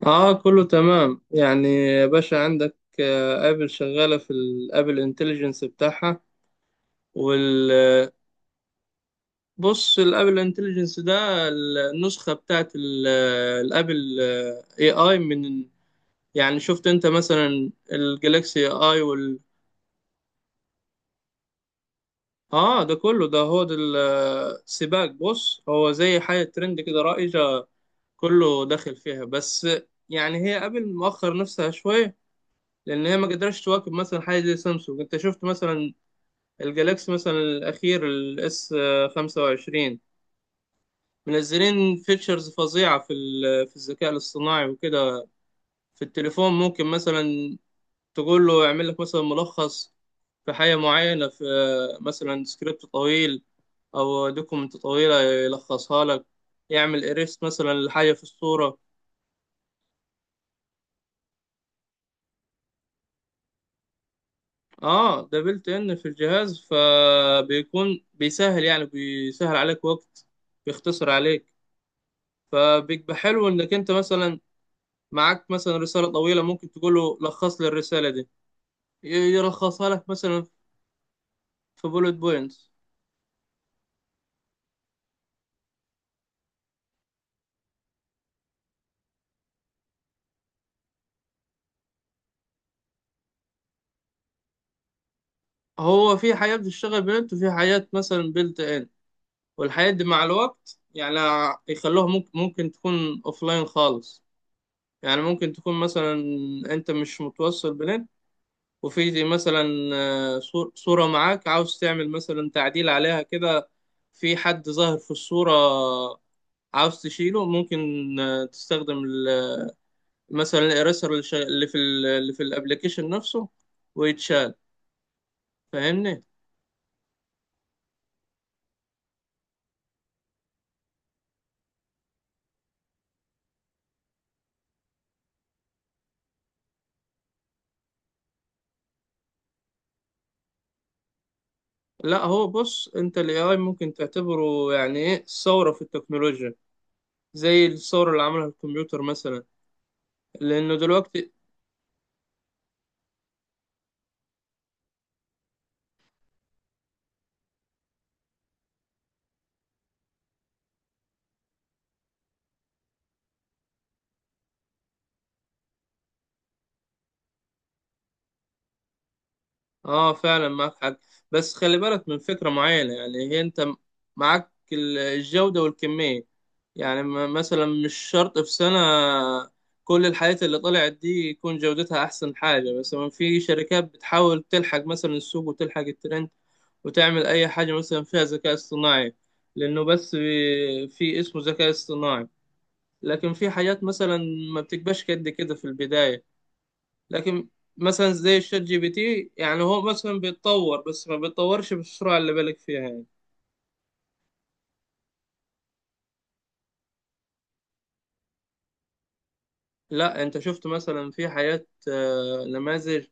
اه، كله تمام يعني يا باشا عندك، ابل شغاله في الابل انتليجنس بتاعها وال بص، الابل انتليجنس ده، النسخه بتاعت الابل، اي اي من. يعني شفت انت مثلا الجلاكسي اي اي اه، ده كله ده هو ده السباق. بص، هو زي حاجه ترند كده، رائجه، كله داخل فيها. بس يعني هي ابل مؤخر نفسها شويه، لان هي ما قدرتش تواكب مثلا حاجه زي سامسونج. انت شفت مثلا الجالاكسي، مثلا الأخير الاس 25، منزلين فيتشرز فظيعة في في الذكاء الاصطناعي وكده. في التليفون ممكن مثلا تقول له يعمل لك مثلا ملخص في حاجة معينة، في مثلا سكريبت طويل أو دوكومنت طويلة، يلخصها لك. يعمل إيريست مثلا لحاجة في الصورة. اه، ده بلت ان في الجهاز، فبيكون بيسهل، يعني بيسهل عليك وقت، بيختصر عليك. فبيبقى حلو انك انت مثلا معاك مثلا رسالة طويلة، ممكن تقول له لخص لي الرسالة دي، يلخصها لك مثلا في بولت بوينتس. هو في حياة بتشتغل بنت، وفي حياة مثلا بيلت ان، والحياة دي مع الوقت يعني يخلوها ممكن تكون لاين خالص. يعني ممكن تكون مثلا انت مش متوصل بنت، وفي دي مثلا صورة معاك، عاوز تعمل مثلا تعديل عليها كده، في حد ظاهر في الصورة عاوز تشيله. ممكن تستخدم مثلا الايريسر اللي شا- اللي في ال- اللي في الابلكيشن نفسه، ويتشال. فاهمني؟ لا، هو بص، انت الاي اي ممكن تعتبره يعني ايه ثوره في التكنولوجيا، زي الثوره اللي عملها الكمبيوتر مثلا، لانه دلوقتي. اه فعلا، معاك حق. بس خلي بالك من فكره معينه، يعني هي انت معاك الجوده والكميه. يعني مثلا مش شرط في سنه كل الحاجات اللي طلعت دي يكون جودتها احسن حاجه. مثلا في شركات بتحاول تلحق مثلا السوق وتلحق الترند، وتعمل أي حاجة مثلا فيها ذكاء اصطناعي، لأنه بس في اسمه ذكاء اصطناعي. لكن في حاجات مثلا ما بتبقاش قد كده في البداية، لكن مثلا زي الشات جي بي تي، يعني هو مثلا بيتطور بس ما بيتطورش بالسرعة اللي بالك فيها يعني. لا، أنت شفت مثلا في حاجات، نماذج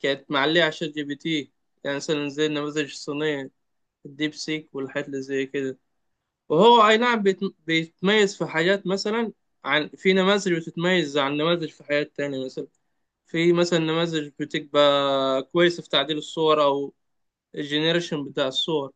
كانت معلية على الشات جي بي تي، يعني مثلا زي النماذج الصينية، الديب سيك والحاجات اللي زي كده. وهو أي نعم بيتميز في حاجات مثلا، عن في نماذج بتتميز عن نماذج في حاجات تانية مثلا. في مثلا نماذج بتبقى كويسة في تعديل الصور أو الجنريشن بتاع الصور.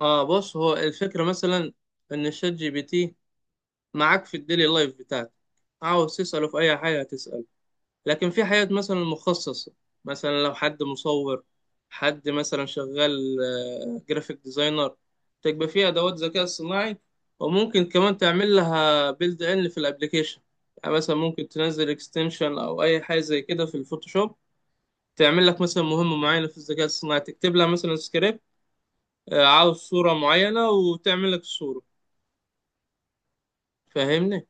اه، بص، هو الفكرة مثلا إن الشات جي بي تي معاك في الديلي لايف بتاعتك، عاوز تسأله في أي حاجة هتسأله. لكن في حاجات مثلا مخصصة، مثلا لو حد مصور، حد مثلا شغال جرافيك ديزاينر، تبقى فيها أدوات ذكاء صناعي، وممكن كمان تعمل لها بيلد إن في الأبليكيشن. يعني مثلا ممكن تنزل اكستنشن أو أي حاجة زي كده في الفوتوشوب، تعمل لك مثلا مهمة معينة في الذكاء الصناعي، تكتب لها مثلا سكريبت، عاوز صورة معينة، وتعمل لك الصورة. فاهمني؟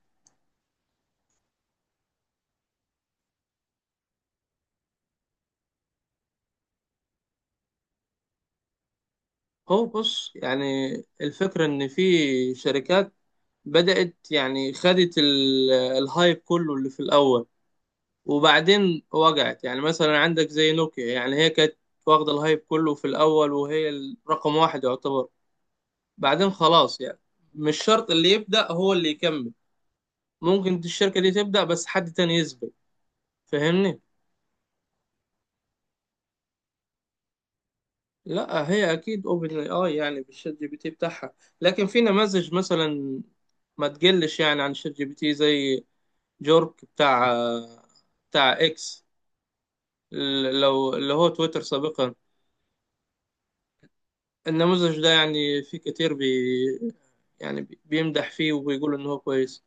هو بص يعني، الفكرة إن في شركات بدأت، يعني خدت الهايب كله اللي في الأول، وبعدين وجعت. يعني مثلا عندك زي نوكيا، يعني هي كانت واخدة الهايب كله في الأول، وهي رقم واحد يعتبر، بعدين خلاص يعني. مش شرط اللي يبدأ هو اللي يكمل، ممكن الشركة دي تبدأ بس حد تاني يسبق. فاهمني؟ لا، هي أكيد أوبن أي آي، يعني بالشات جي بي تي بتاعها، لكن في نماذج مثلا ما تقلش يعني عن شات جي بي تي، زي جورك بتاع إكس، لو اللي هو تويتر سابقا. النموذج ده يعني في كتير يعني بيمدح فيه وبيقول ان هو كويس.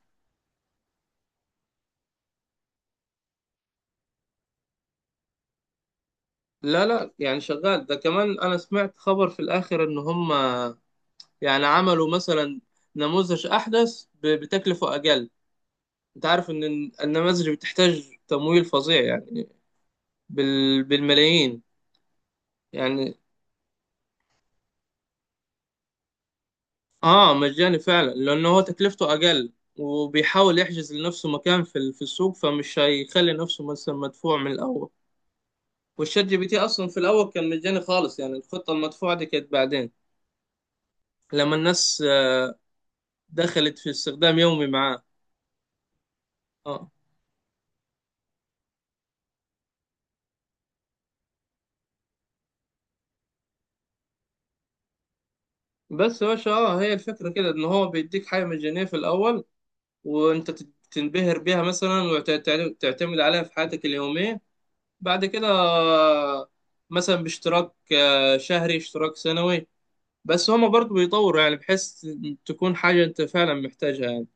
لا لا، يعني شغال ده كمان. انا سمعت خبر في الاخر ان هم يعني عملوا مثلا نموذج احدث بتكلفة اقل. انت عارف ان النماذج بتحتاج تمويل فظيع يعني، بالملايين يعني. اه، مجاني فعلا، لان هو تكلفته اقل، وبيحاول يحجز لنفسه مكان في في السوق، فمش هيخلي نفسه مثلا مدفوع من الاول. والشات جي بي تي اصلا في الاول كان مجاني خالص، يعني الخطه المدفوعه دي كانت بعدين، لما الناس دخلت في استخدام يومي معاه. اه، بس يا باشا، اه، هي الفكره كده ان هو بيديك حاجه مجانيه في الاول، وانت تنبهر بيها مثلا، وتعتمد عليها في حياتك اليوميه، بعد كده مثلا باشتراك شهري، اشتراك سنوي. بس هما برضو بيطوروا، يعني بحيث تكون حاجه انت فعلا محتاجها يعني.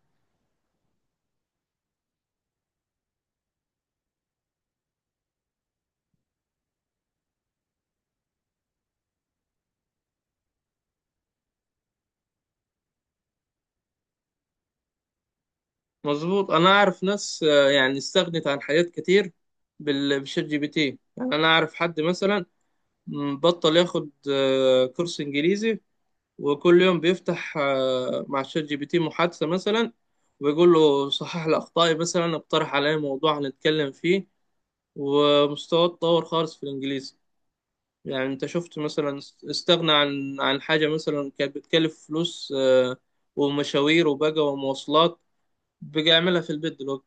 مظبوط، انا اعرف ناس، يعني استغنت عن حاجات كتير بالشات جي بي تي. يعني انا اعرف حد مثلا، بطل ياخد كورس انجليزي، وكل يوم بيفتح مع الشات جي بي تي محادثة مثلا، ويقول له صحح لي اخطائي، مثلا اقترح عليا موضوع هنتكلم فيه، ومستواه اتطور خالص في الانجليزي. يعني انت شفت مثلا، استغنى عن حاجة مثلا كانت بتكلف فلوس، ومشاوير وبقى ومواصلات، بقى يعملها في البيت دلوقتي.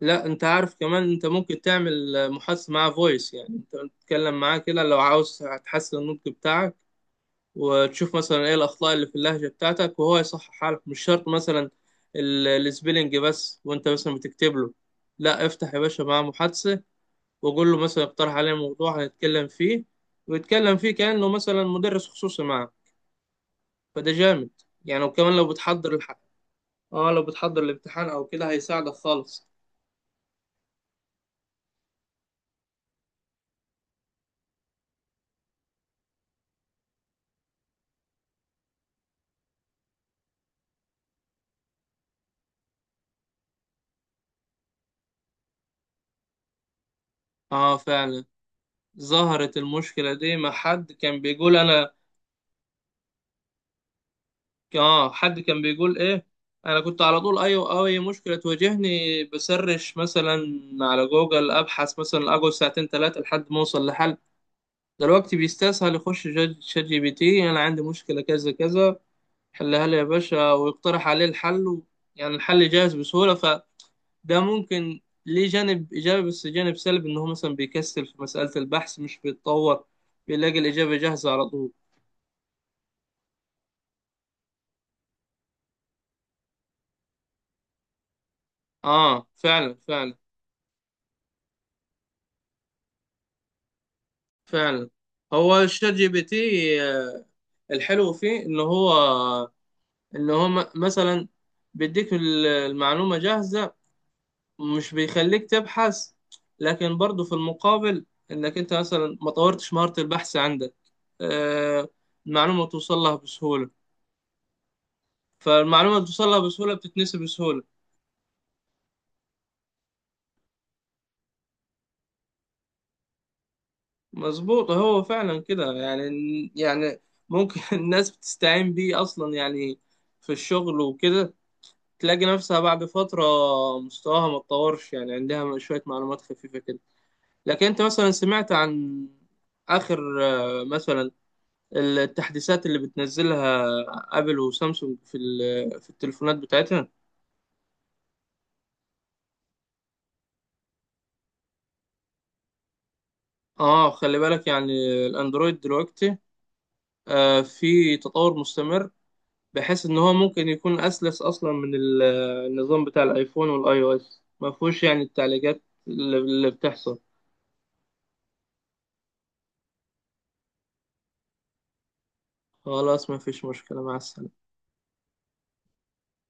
لا، انت عارف كمان انت ممكن تعمل محادثة معاه فويس، يعني انت تتكلم معاه كده لو عاوز تحسن النطق بتاعك، وتشوف مثلا ايه الاخطاء اللي في اللهجة بتاعتك وهو يصححها لك. مش شرط مثلا السبيلنج بس وانت مثلا بتكتب له. لا، افتح يا باشا معاه محادثة، وقول له مثلا اقترح عليه موضوع هنتكلم فيه، ويتكلم فيه كأنه مثلا مدرس خصوصي معاه. فده جامد يعني. وكمان لو بتحضر اه لو بتحضر الامتحان او كده هيساعدك خالص. اه فعلا. ظهرت المشكلة دي، ما حد كان بيقول أنا؟ حد كان بيقول إيه. أنا كنت على طول أي مشكلة تواجهني بسرش مثلا على جوجل، أبحث مثلا، أقعد ساعتين تلاتة لحد ما أوصل لحل. دلوقتي بيستسهل يخش شات جي بي تي، أنا عندي مشكلة كذا كذا، حلها لي يا باشا، ويقترح عليه الحل يعني الحل جاهز بسهولة. فده ممكن ليه جانب إيجابي، بس جانب سلبي إن هو مثلا بيكسل في مسألة البحث، مش بيتطور، بيلاقي الإجابة جاهزة على طول. اه فعلا فعلا فعلا، هو الشات جي بي تي، آه، الحلو فيه ان هو، مثلا بيديك المعلومة جاهزة، مش بيخليك تبحث. لكن برضو في المقابل انك انت مثلا ما طورتش مهارة البحث عندك. آه المعلومة توصل لها بسهولة، فالمعلومة اللي توصل لها بسهولة بتتنسي بسهولة. مظبوط، هو فعلا كده يعني. يعني ممكن الناس بتستعين بيه اصلا يعني في الشغل وكده، تلاقي نفسها بعد فترة مستواها ما اتطورش، يعني عندها شوية معلومات خفيفة كده. لكن أنت مثلا سمعت عن آخر مثلا التحديثات اللي بتنزلها آبل وسامسونج في في التليفونات بتاعتها. اه خلي بالك يعني، الأندرويد دلوقتي في تطور مستمر، بحيث إن هو ممكن يكون أسلس أصلا من النظام بتاع الآيفون والآي أو إس. ما فيهوش يعني التعليقات اللي بتحصل. خلاص، ما فيش مشكلة، مع السلامة.